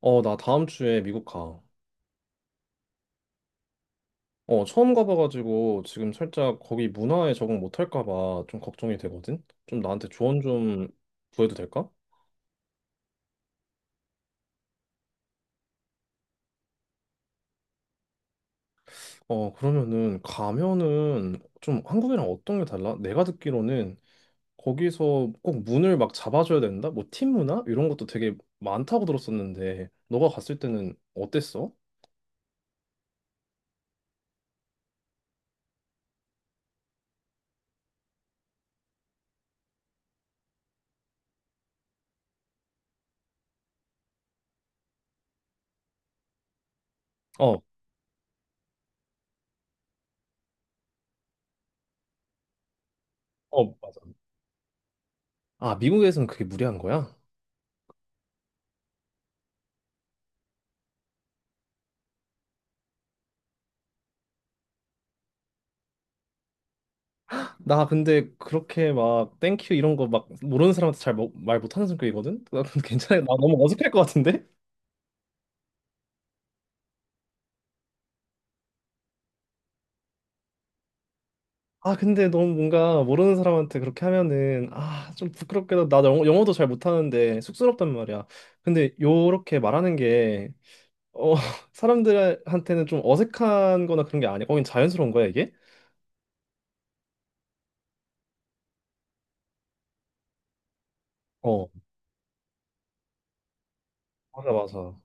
어, 나 다음 주에 미국 가. 어, 처음 가봐가지고 지금 살짝 거기 문화에 적응 못할까 봐 좀 걱정이 되거든? 좀 나한테 조언 좀 구해도 될까? 어, 그러면은 가면은 좀 한국이랑 어떤 게 달라? 내가 듣기로는 거기서 꼭 문을 막 잡아줘야 된다? 뭐 팀 문화? 이런 것도 되게 많다고 들었었는데 너가 갔을 때는 어땠어? 어, 어, 맞아. 아, 미국에서는 그게 무리한 거야? 나 근데 그렇게 막 땡큐 이런 거 막 모르는 사람한테 잘 뭐, 말 못하는 성격이거든? 나 근데 괜찮아. 나 너무 어색할 것 같은데? 아 근데 너무 뭔가 모르는 사람한테 그렇게 하면은 아 좀 부끄럽게도 나 영어, 영어도 잘 못하는데 쑥스럽단 말이야. 근데 요렇게 말하는 게 어, 사람들한테는 좀 어색한 거나 그런 게 아니야. 거긴 자연스러운 거야 이게? 어, 맞아 맞아.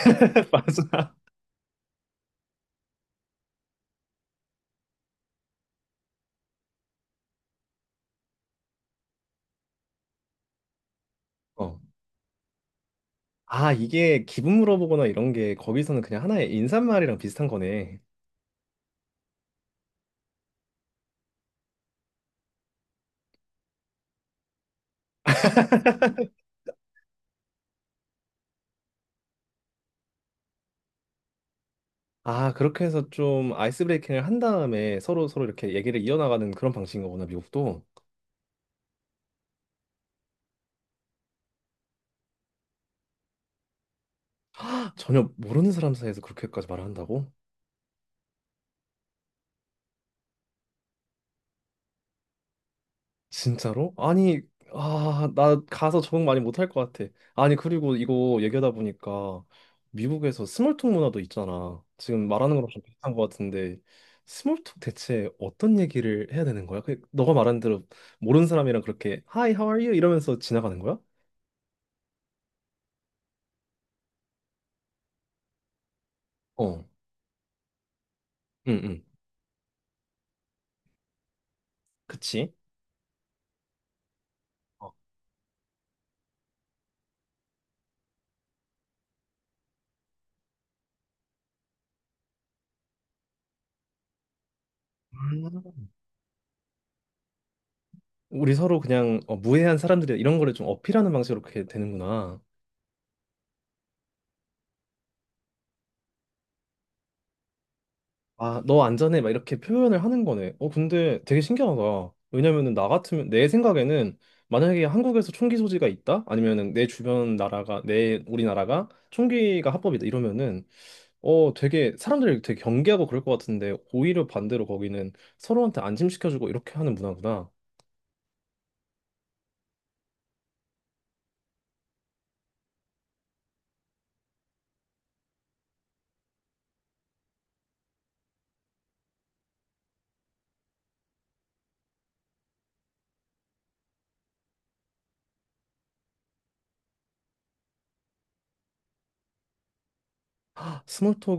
맞아. 어. 아 이게 기분 물어보거나 이런 게 거기서는 그냥 하나의 인사말이랑 비슷한 거네. 아, 그렇게 해서 좀 아이스 브레이킹을 한 다음에 서로 서로 이렇게 얘기를 이어나가는 그런 방식인가 보나, 미국도. 전혀 모르는 사람 사이에서 그렇게까지 말을 한다고? 진짜로? 아니, 아, 나 가서 적응 많이 못할 것 같아. 아니, 그리고 이거 얘기하다 보니까 미국에서 스몰톡 문화도 있잖아. 지금 말하는 거랑 좀 비슷한 것 같은데, 스몰톡 대체 어떤 얘기를 해야 되는 거야? 그 너가 말한 대로 모르는 사람이랑 그렇게 Hi, how are you? 이러면서 지나가는 거야? 어, 응, 응. 그치? 어. 우리 서로 그냥 어, 무해한 사람들이다 이런 거를 좀 어필하는 방식으로 그렇게 되는구나. 아, 너 안전해 막 이렇게 표현을 하는 거네. 어, 근데 되게 신기하다. 왜냐면은 나 같으면 내 생각에는 만약에 한국에서 총기 소지가 있다? 아니면은 내 주변 나라가 내 우리나라가 총기가 합법이다 이러면은 어 되게 사람들이 되게 경계하고 그럴 것 같은데 오히려 반대로 거기는 서로한테 안심시켜주고 이렇게 하는 문화구나.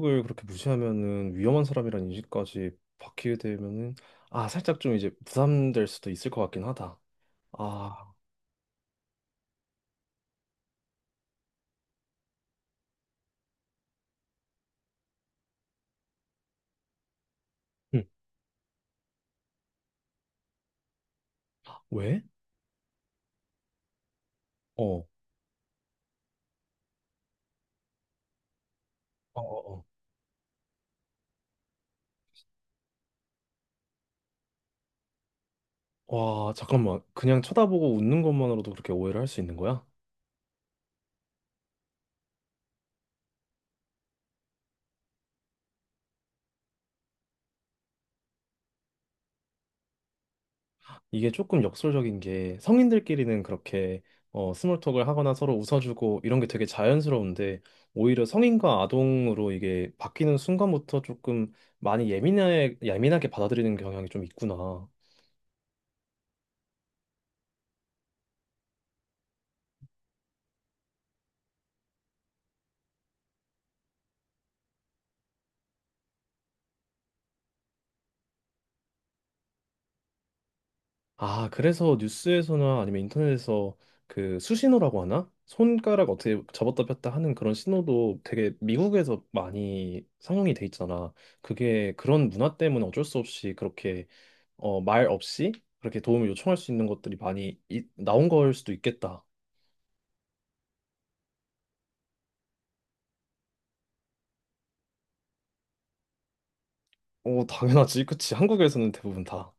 스몰톡을 그렇게 무시하면은 위험한 사람이란 인식까지 받게 되면은 아 살짝 좀 이제 부담될 수도 있을 것 같긴 하다. 아 응. 왜? 어. 어, 어, 어. 와 잠깐만 그냥 쳐다보고 웃는 것만으로도 그렇게 오해를 할 수 있는 거야? 이게 조금 역설적인 게 성인들끼리는 그렇게 어, 스몰톡을 하거나 서로 웃어주고 이런 게 되게 자연스러운데 오히려 성인과 아동으로 이게 바뀌는 순간부터 조금 많이 예민하게 받아들이는 경향이 좀 있구나. 아, 그래서 뉴스에서나 아니면 인터넷에서 그 수신호라고 하나? 손가락 어떻게 접었다 폈다 하는 그런 신호도 되게 미국에서 많이 상용이 돼 있잖아. 그게 그런 문화 때문에 어쩔 수 없이 그렇게 어, 말 없이 그렇게 도움을 요청할 수 있는 것들이 많이 나온 걸 수도 있겠다. 어, 당연하지. 그치. 한국에서는 대부분 다.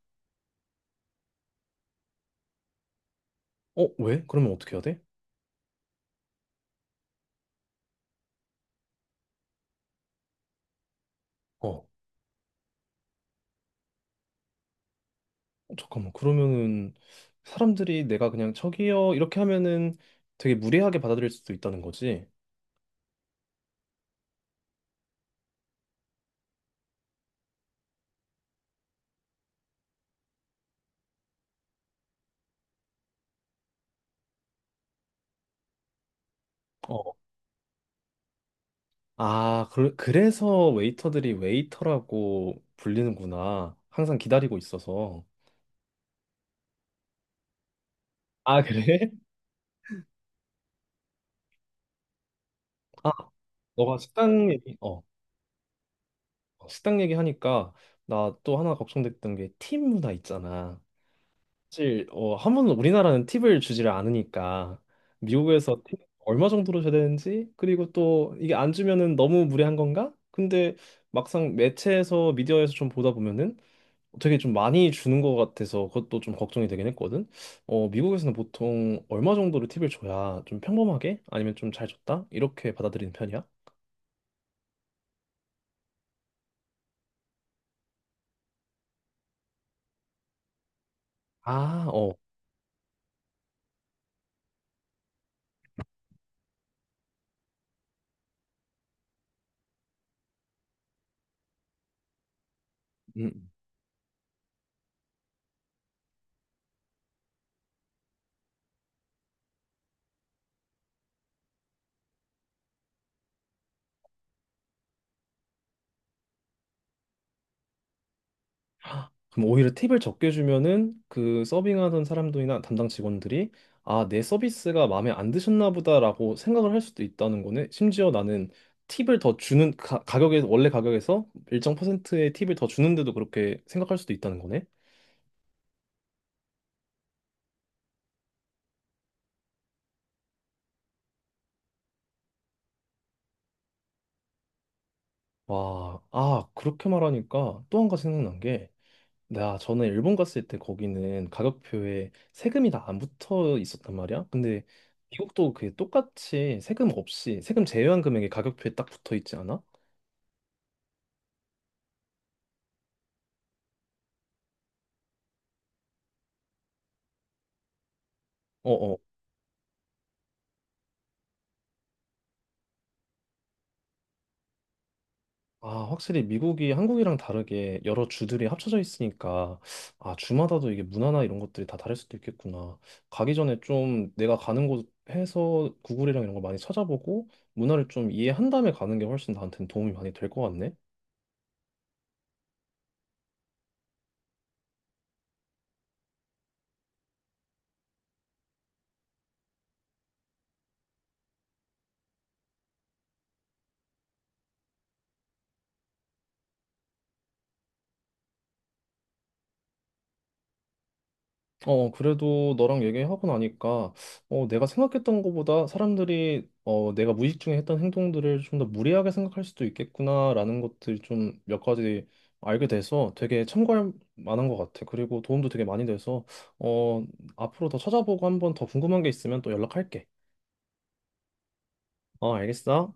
어, 왜? 그러면 어떻게 해야 돼? 어, 어, 잠깐만. 그러면은 사람들이 내가 그냥 저기요 이렇게 하면은 되게 무례하게 받아들일 수도 있다는 거지. 아, 그, 그래서 웨이터들이 웨이터라고 불리는구나. 항상 기다리고 있어서. 아, 그래? 아, 너가 식당 얘기, 어, 식당 얘기하니까 나 또 하나 걱정됐던 게 팁 문화 있잖아. 사실, 어, 한 번은 우리나라는 팁을 주지를 않으니까 미국에서 팁 얼마 정도로 줘야 되는지, 그리고 또 이게 안 주면은 너무 무례한 건가? 근데 막상 매체에서 미디어에서 좀 보다 보면은 되게 좀 많이 주는 것 같아서 그것도 좀 걱정이 되긴 했거든. 어, 미국에서는 보통 얼마 정도로 팁을 줘야 좀 평범하게 아니면 좀 잘 줬다? 이렇게 받아들이는 편이야? 아, 어. 음. 그럼 오히려 팁을 적게 주면은 그 서빙하던 사람들이나 담당 직원들이 아, 내 서비스가 마음에 안 드셨나 보다라고 생각을 할 수도 있다는 거네. 심지어 나는 팁을 더 주는 가, 가격에 원래 가격에서 일정 퍼센트의 팁을 더 주는데도 그렇게 생각할 수도 있다는 거네. 와, 아, 그렇게 말하니까 또 한 가지 생각난 게 네, 아, 저는 일본 갔을 때 거기는 가격표에 세금이 다 안 붙어 있었단 말이야. 근데 미국도 그게 똑같이 세금 없이 세금 제외한 금액이 가격표에 딱 붙어 있지 않아? 어어. 아, 확실히 미국이 한국이랑 다르게 여러 주들이 합쳐져 있으니까 아, 주마다도 이게 문화나 이런 것들이 다 다를 수도 있겠구나. 가기 전에 좀 내가 가는 곳 해서 구글이랑 이런 거 많이 찾아보고 문화를 좀 이해한 다음에 가는 게 훨씬 나한테는 도움이 많이 될 것 같네. 어, 그래도 너랑 얘기하고 나니까, 어, 내가 생각했던 것보다 사람들이, 어, 내가 무의식 중에 했던 행동들을 좀 더 무리하게 생각할 수도 있겠구나라는 것들 좀 몇 가지 알게 돼서 되게 참고할 만한 것 같아. 그리고 도움도 되게 많이 돼서, 어, 앞으로 더 찾아보고 한번 더 궁금한 게 있으면 또 연락할게. 어, 알겠어?